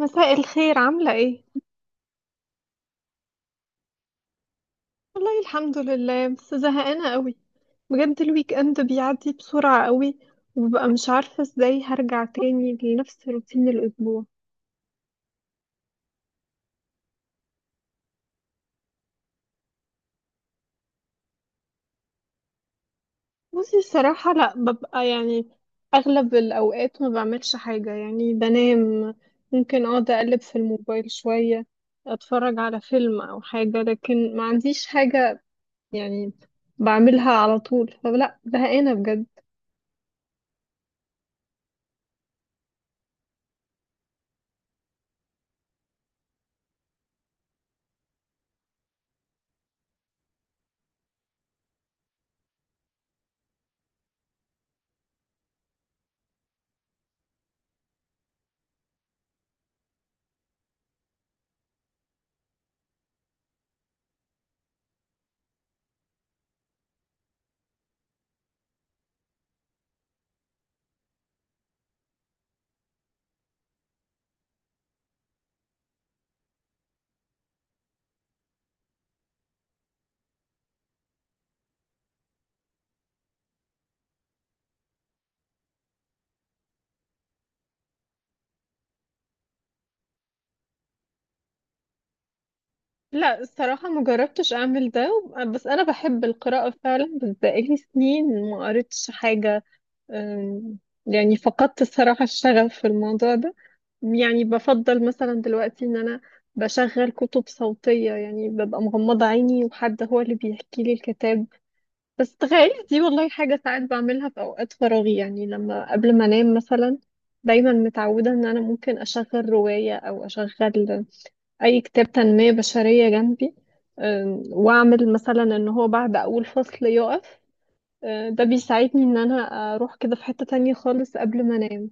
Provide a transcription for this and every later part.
مساء الخير، عاملة ايه؟ والله الحمد لله، بس زهقانة قوي. بجد الويك اند بيعدي بسرعة قوي، وببقى مش عارفة ازاي هرجع تاني لنفس روتين الأسبوع. بصي الصراحة لأ، ببقى يعني أغلب الأوقات ما بعملش حاجة، يعني بنام، ممكن أقعد أقلب في الموبايل شوية، أتفرج على فيلم أو حاجة، لكن ما عنديش حاجة يعني بعملها على طول. فلأ زهقانة بجد. لا الصراحة ما جربتش أعمل ده، بس أنا بحب القراءة فعلا، بس بقالي سنين ما قريتش حاجة. أم، يعني فقدت الصراحة الشغف في الموضوع ده. يعني بفضل مثلا دلوقتي إن أنا بشغل كتب صوتية، يعني ببقى مغمضة عيني وحد هو اللي بيحكي لي الكتاب. بس تخيل، دي والله حاجة ساعات بعملها في أوقات فراغي، يعني لما قبل ما أنام مثلا دايما متعودة إن أنا ممكن أشغل رواية أو أشغل اي كتاب تنمية بشرية جنبي، واعمل مثلا ان هو بعد اول فصل يقف. ده بيساعدني ان انا اروح كده في حتة تانية خالص قبل ما انام.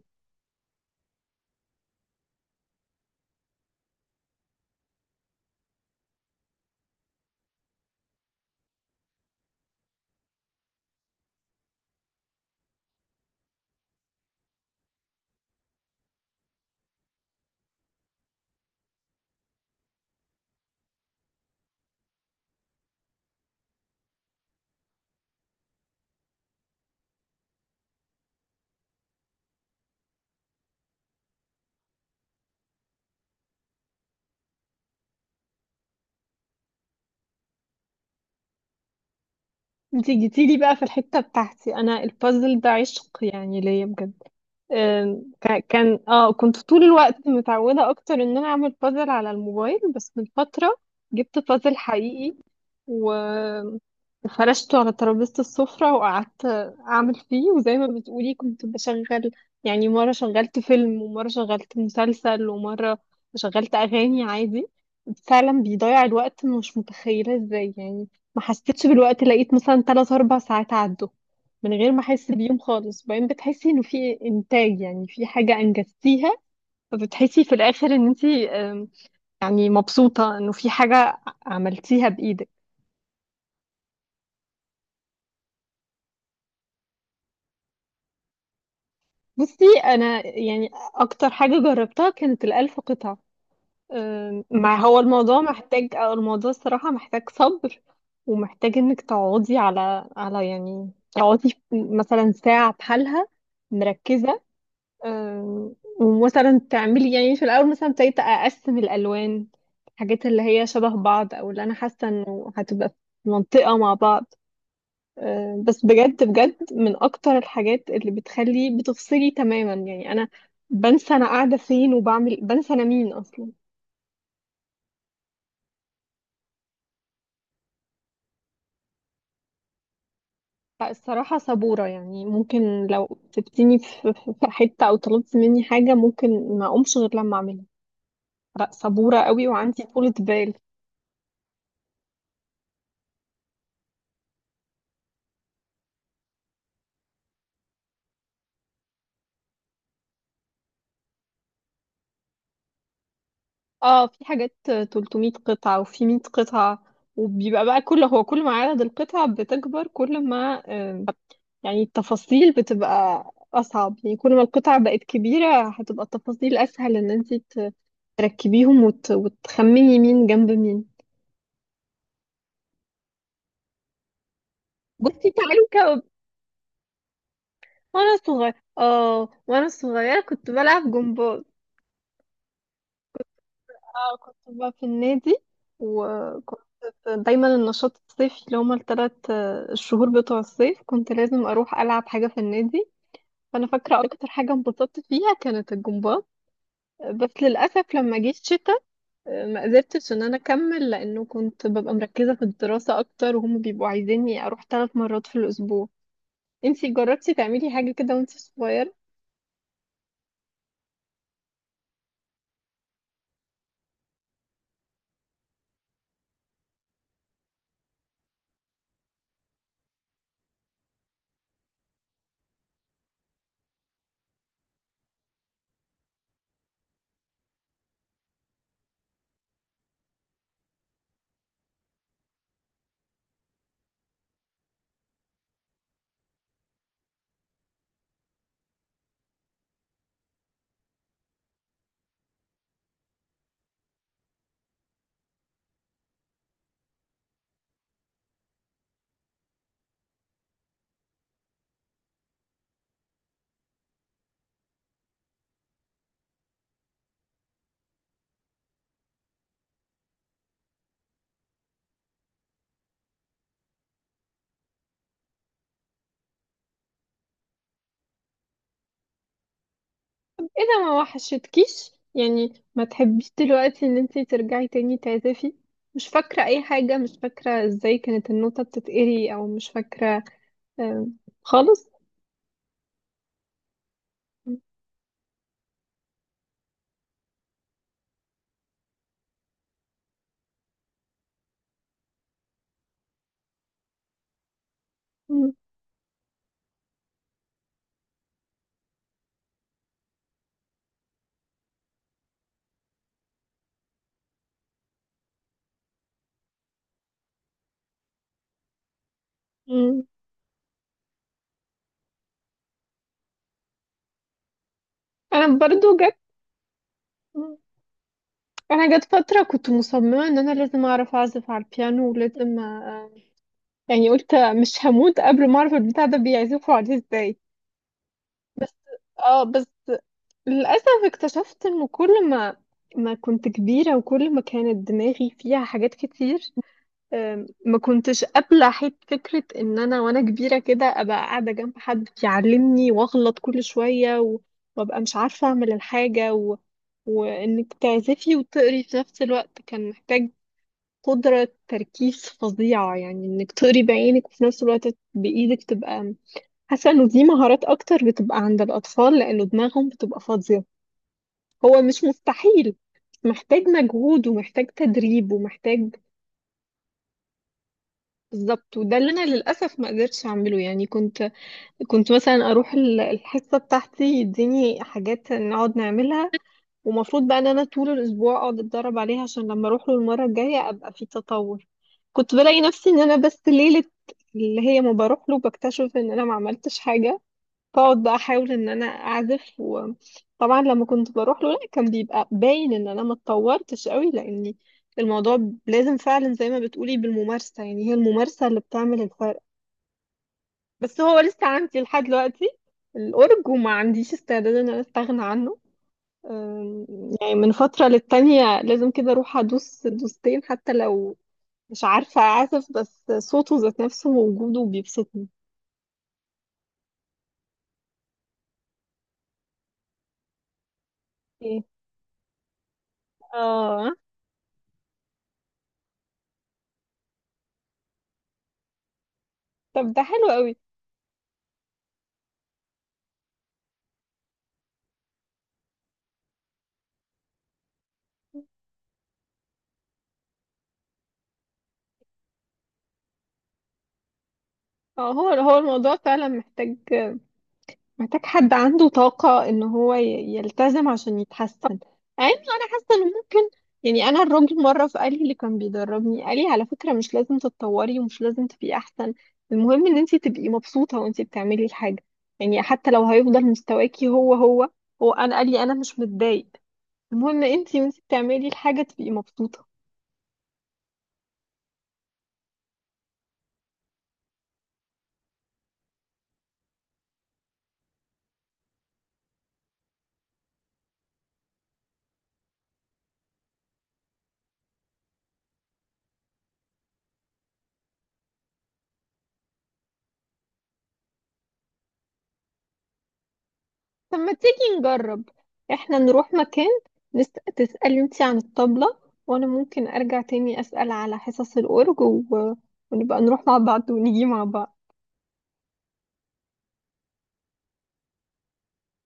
انتي جيتيلي بقى في الحتة بتاعتي، انا البازل ده عشق يعني ليا بجد. أم، كا- كان اه كنت طول الوقت متعودة اكتر ان انا اعمل بازل على الموبايل، بس من فترة جبت بازل حقيقي و... وفرشته على ترابيزة السفرة، وقعدت أعمل فيه، وزي ما بتقولي كنت بشغل يعني، مرة شغلت فيلم، ومرة شغلت مسلسل، ومرة شغلت أغاني عادي. فعلا بيضيع الوقت، أنا مش متخيلة ازاي يعني. ما حسيتش بالوقت، لقيت مثلا تلات أربع ساعات عدوا من غير ما أحس بيهم خالص. وبعدين بتحسي إنه في إنتاج، يعني في حاجة أنجزتيها، فبتحسي في الآخر إن أنتي يعني مبسوطة إنه في حاجة عملتيها بإيدك. بصي انا يعني اكتر حاجه جربتها كانت الالف قطعه. مع هو الموضوع محتاج، او الموضوع الصراحه محتاج صبر، ومحتاج انك تقعدي على يعني تقعدي مثلا ساعه بحالها مركزه. أم، ومثلا تعملي يعني في الاول مثلا ابتديت اقسم الالوان، الحاجات اللي هي شبه بعض او اللي انا حاسه انه هتبقى في منطقه مع بعض. بس بجد بجد من اكتر الحاجات اللي بتخلي بتفصلي تماما، يعني انا بنسى انا قاعده فين، وبعمل، بنسى انا مين اصلا. فالصراحه صبوره يعني، ممكن لو سبتيني في حته، او طلبت مني حاجه ممكن ما اقومش غير لما اعملها. لا صبوره قوي وعندي طولة بال. اه في حاجات 300 قطعة وفي 100 قطعة، وبيبقى بقى كل ما عدد القطع بتكبر، كل ما آم، يعني التفاصيل بتبقى أصعب، يعني كل ما القطع بقت كبيرة هتبقى التفاصيل أسهل إن أنت تركبيهم وتخمني مين جنب مين. بصي تعالي، كو... وأنا صغيرة كنت بلعب جمباز. كنت بقى في النادي، وكنت دايما النشاط الصيفي اللي هما التلات الشهور بتوع الصيف كنت لازم أروح ألعب حاجة في النادي. فأنا فاكرة أكتر حاجة انبسطت فيها كانت الجمباز. بس للأسف لما جه الشتاء، ما قدرتش إن أنا أكمل، لأنه كنت ببقى مركزة في الدراسة أكتر، وهم بيبقوا عايزيني أروح 3 مرات في الأسبوع. انتي جربتي تعملي حاجة كده وانتي صغيرة؟ إذا ما وحشتكيش، يعني ما تحبيش دلوقتي إن انتي ترجعي تاني تعزفي؟ مش فاكرة أي حاجة، مش فاكرة ازاي كانت النوتة بتتقري، أو مش فاكرة آه، خالص. م- م- انا برضو جت م- انا جت فتره كنت مصممه ان انا لازم اعرف اعزف على البيانو، ولازم يعني قلت مش هموت قبل ما اعرف البتاع ده بيعزفوا عليه ازاي. اه بس للاسف اكتشفت ان كل ما ما كنت كبيره، وكل ما كانت دماغي فيها حاجات كتير، ما كنتش قابلة حيت فكرة إن أنا وأنا كبيرة كده أبقى قاعدة جنب حد يعلمني، وأغلط كل شوية، وأبقى مش عارفة أعمل الحاجة، وإنك تعزفي وتقري في نفس الوقت كان محتاج قدرة تركيز فظيعة، يعني إنك تقري بعينك، وفي نفس الوقت بإيدك تبقى حاسة إنه دي مهارات أكتر بتبقى عند الأطفال لأنه دماغهم بتبقى فاضية. هو مش مستحيل، محتاج مجهود، ومحتاج تدريب، ومحتاج. بالظبط، وده اللي انا للاسف ما قدرتش اعمله، يعني كنت مثلا اروح الحصه بتاعتي، يديني حاجات نقعد نعملها، ومفروض بقى ان انا طول الاسبوع اقعد اتدرب عليها عشان لما اروح له المره الجايه ابقى في تطور. كنت بلاقي نفسي ان انا بس ليله اللي هي ما بروح له بكتشف ان انا ما عملتش حاجه، فاقعد بقى احاول ان انا اعزف. وطبعا لما كنت بروح له لا كان بيبقى باين ان انا ما اتطورتش قوي، لاني الموضوع لازم فعلا زي ما بتقولي بالممارسة، يعني هي الممارسة اللي بتعمل الفرق. بس هو لسه عندي لحد دلوقتي الأورج، وما عنديش استعداد ان انا استغنى عنه. أم، يعني من فترة للتانية لازم كده اروح ادوس دوستين، حتى لو مش عارفة اعزف، بس صوته ذات نفسه ووجوده بيبسطني. إيه. اه. طب ده حلو قوي. اه، هو هو الموضوع فعلا محتاج، محتاج حد عنده طاقة ان هو يلتزم عشان يتحسن. يعني انا حاسة ان ممكن، يعني انا الراجل مرة فقال لي، اللي كان بيدربني قال لي على فكرة مش لازم تتطوري، ومش لازم تبقي احسن. المهم ان انت تبقي مبسوطة وانت بتعملي الحاجة، يعني حتى لو هيفضل مستواكي هو هو، هو انا قال لي انا مش متضايق. المهم انت وانت بتعملي الحاجة تبقي مبسوطة. طب ما تيجي نجرب، احنا نروح مكان، نس... تسألي انتي عن الطبلة، وانا ممكن ارجع تاني اسأل على حصص الأورج، ونبقى نروح مع بعض، ونيجي مع بعض.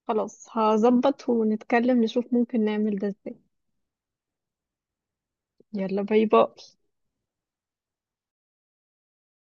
خلاص، هظبط ونتكلم، نشوف ممكن نعمل ده ازاي. يلا باي باي.